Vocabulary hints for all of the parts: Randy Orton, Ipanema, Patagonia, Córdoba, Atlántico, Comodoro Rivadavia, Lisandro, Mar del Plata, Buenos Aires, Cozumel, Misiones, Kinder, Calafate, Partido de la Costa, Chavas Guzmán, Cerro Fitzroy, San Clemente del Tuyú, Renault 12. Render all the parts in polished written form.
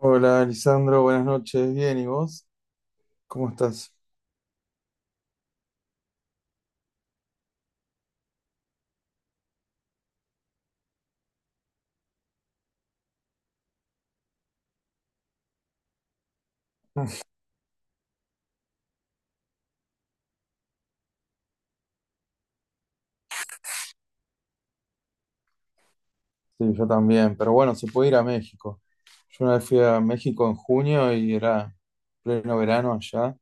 Hola, Lisandro, buenas noches. Bien, ¿y vos? ¿Cómo estás? Sí, yo también, pero bueno, se puede ir a México. Yo una vez fui a México en junio y era pleno verano allá.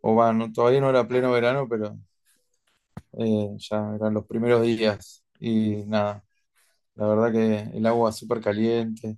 O bueno, todavía no era pleno verano, pero ya eran los primeros días. Y nada, la verdad que el agua súper caliente,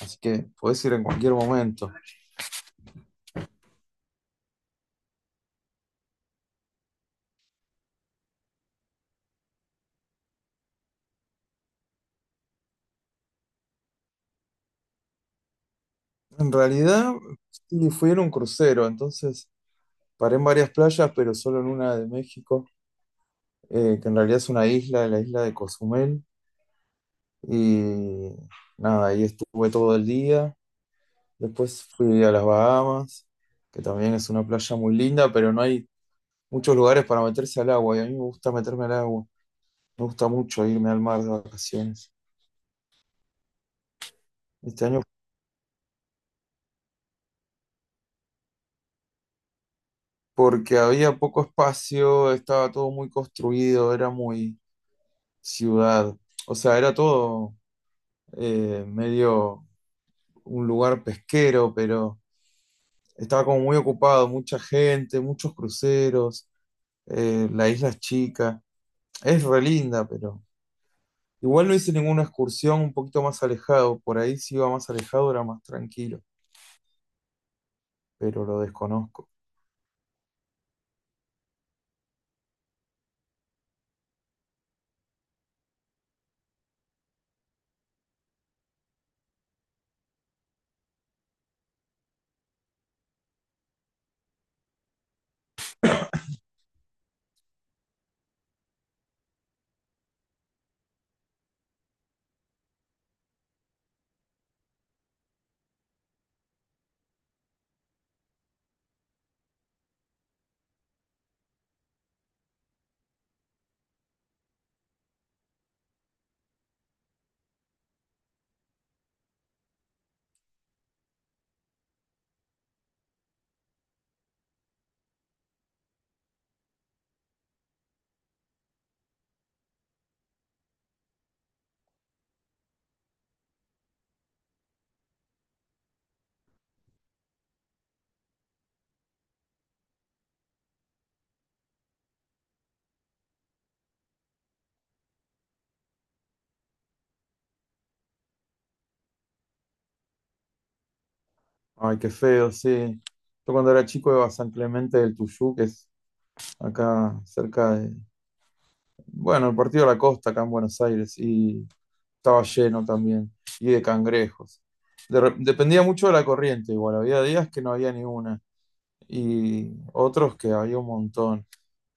así que podés ir en cualquier momento. En realidad, sí, fui en un crucero, entonces paré en varias playas, pero solo en una de México. Que en realidad es una isla, la isla de Cozumel. Y nada, ahí estuve todo el día. Después fui a las Bahamas, que también es una playa muy linda, pero no hay muchos lugares para meterse al agua. Y a mí me gusta meterme al agua. Me gusta mucho irme al mar de vacaciones. Este año, porque había poco espacio, estaba todo muy construido, era muy ciudad. O sea, era todo medio un lugar pesquero, pero estaba como muy ocupado, mucha gente, muchos cruceros, la isla es chica. Es re linda, pero igual no hice ninguna excursión un poquito más alejado. Por ahí si iba más alejado era más tranquilo, pero lo desconozco. Ay, qué feo, sí. Yo cuando era chico iba a San Clemente del Tuyú, que es acá cerca de, bueno, el Partido de la Costa, acá en Buenos Aires, y estaba lleno también, y de cangrejos. Dependía mucho de la corriente, igual, había días que no había ni una. Y otros que había un montón.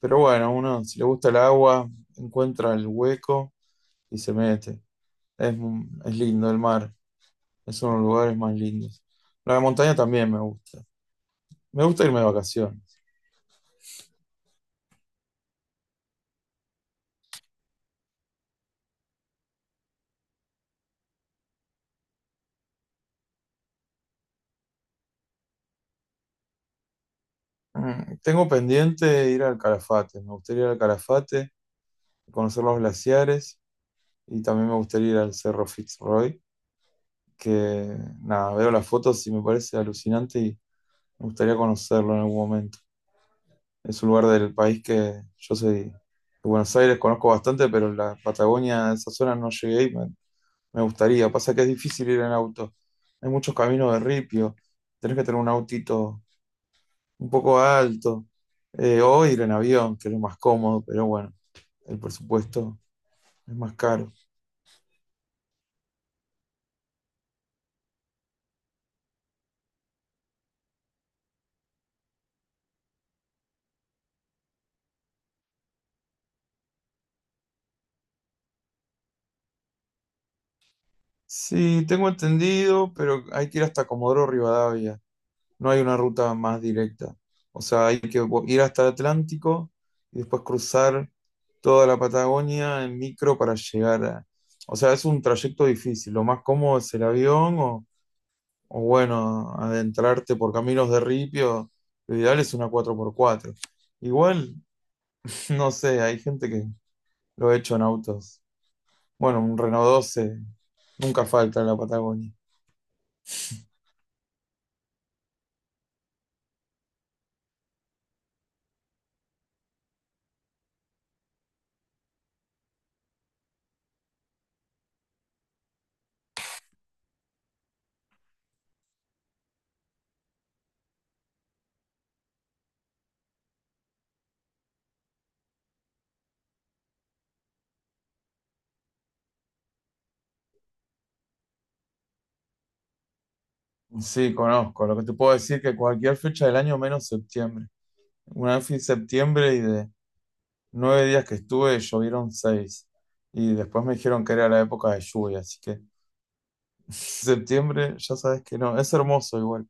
Pero bueno, uno si le gusta el agua, encuentra el hueco y se mete. Es, es lindo el mar, es uno de los lugares más lindos. La montaña también me gusta. Me gusta irme de vacaciones. Tengo pendiente ir al Calafate. Me gustaría ir al Calafate, conocer los glaciares y también me gustaría ir al Cerro Fitzroy, que nada, veo las fotos y me parece alucinante y me gustaría conocerlo en algún momento. Es un lugar del país que yo soy de Buenos Aires, conozco bastante, pero la Patagonia, esa zona no llegué y me gustaría. Pasa que es difícil ir en auto. Hay muchos caminos de ripio, tenés que tener un autito un poco alto, o ir en avión, que es lo más cómodo, pero bueno, el presupuesto es más caro. Sí, tengo entendido, pero hay que ir hasta Comodoro Rivadavia. No hay una ruta más directa. O sea, hay que ir hasta el Atlántico y después cruzar toda la Patagonia en micro para llegar a. O sea, es un trayecto difícil. Lo más cómodo es el avión o, bueno, adentrarte por caminos de ripio. Lo ideal es una 4x4. Igual, no sé, hay gente que lo ha hecho en autos. Bueno, un Renault 12 nunca falta en la Patagonia. Sí, conozco. Lo que te puedo decir que cualquier fecha del año menos septiembre. Una vez fui en septiembre y de 9 días que estuve llovieron seis. Y después me dijeron que era la época de lluvia, así que septiembre ya sabes que no, es hermoso igual.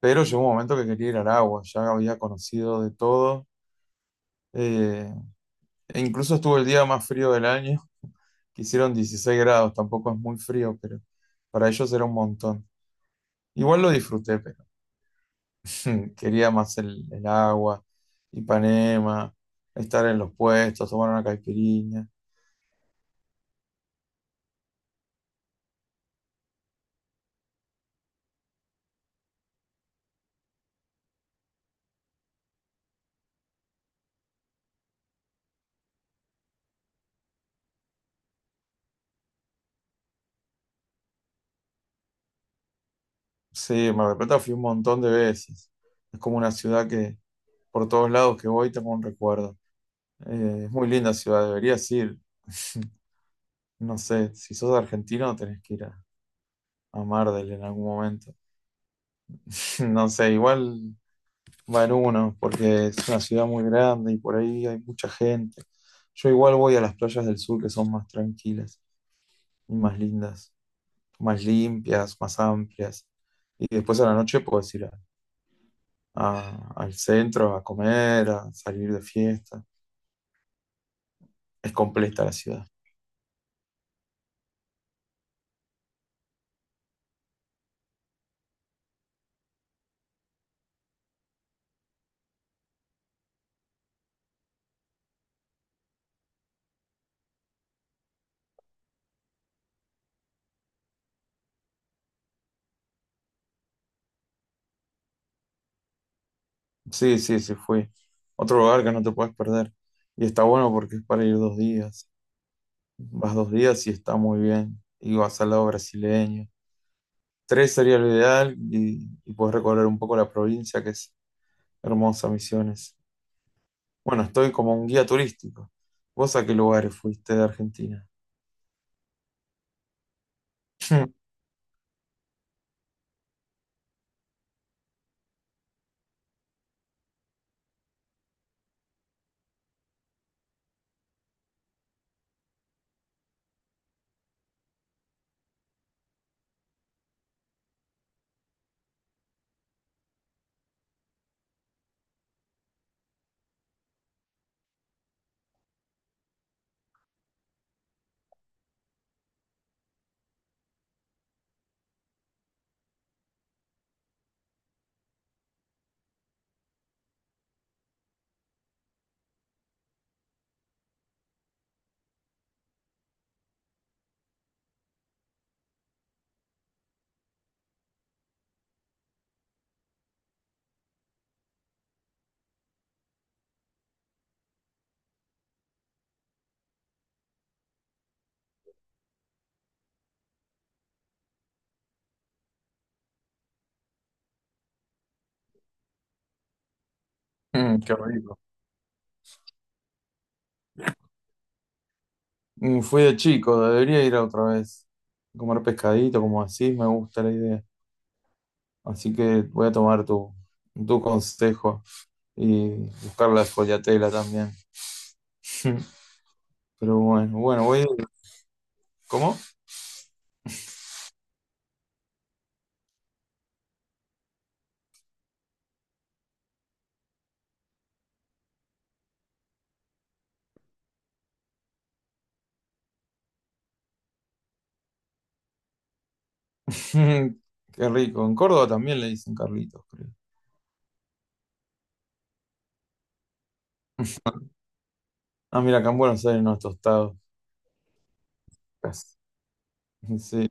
Pero llegó un momento que quería ir al agua, ya había conocido de todo. eh, e incluso estuvo el día más frío del año, que hicieron 16 grados, tampoco es muy frío, pero para ellos era un montón. Igual lo disfruté, pero quería más el agua, Ipanema, estar en los puestos, tomar una caipirinha. Sí, Mar del Plata fui un montón de veces. Es como una ciudad que por todos lados que voy tengo un recuerdo. Es muy linda ciudad, deberías ir. No sé, si sos argentino tenés que ir a Mar del en algún momento. No sé, igual va en uno, porque es una ciudad muy grande y por ahí hay mucha gente. Yo igual voy a las playas del sur que son más tranquilas y más lindas, más limpias, más amplias. Y después a la noche puedes ir al centro a comer, a salir de fiesta. Es completa la ciudad. Sí, sí, sí, fui. Otro lugar que no te puedes perder. Y está bueno porque es para ir 2 días. Vas 2 días y está muy bien. Y vas al lado brasileño. Tres sería lo ideal y puedes recorrer un poco la provincia, que es hermosa, Misiones. Bueno, estoy como un guía turístico. ¿Vos a qué lugares fuiste de Argentina? Mm, qué rico. Mm, fui de chico, debería ir otra vez. Comer pescadito, como así, me gusta la idea. Así que voy a tomar tu consejo. Y buscar la espoliatela también. Pero bueno, bueno, voy. ¿Cómo? Qué rico. En Córdoba también le dicen Carlitos, creo. Ah, mira, acá en Buenos Aires no es tostado. Casi. Sí.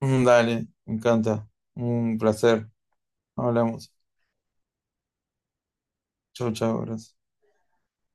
Mm, dale, me encanta. Un placer. Hablamos. Chau, chau, gracias.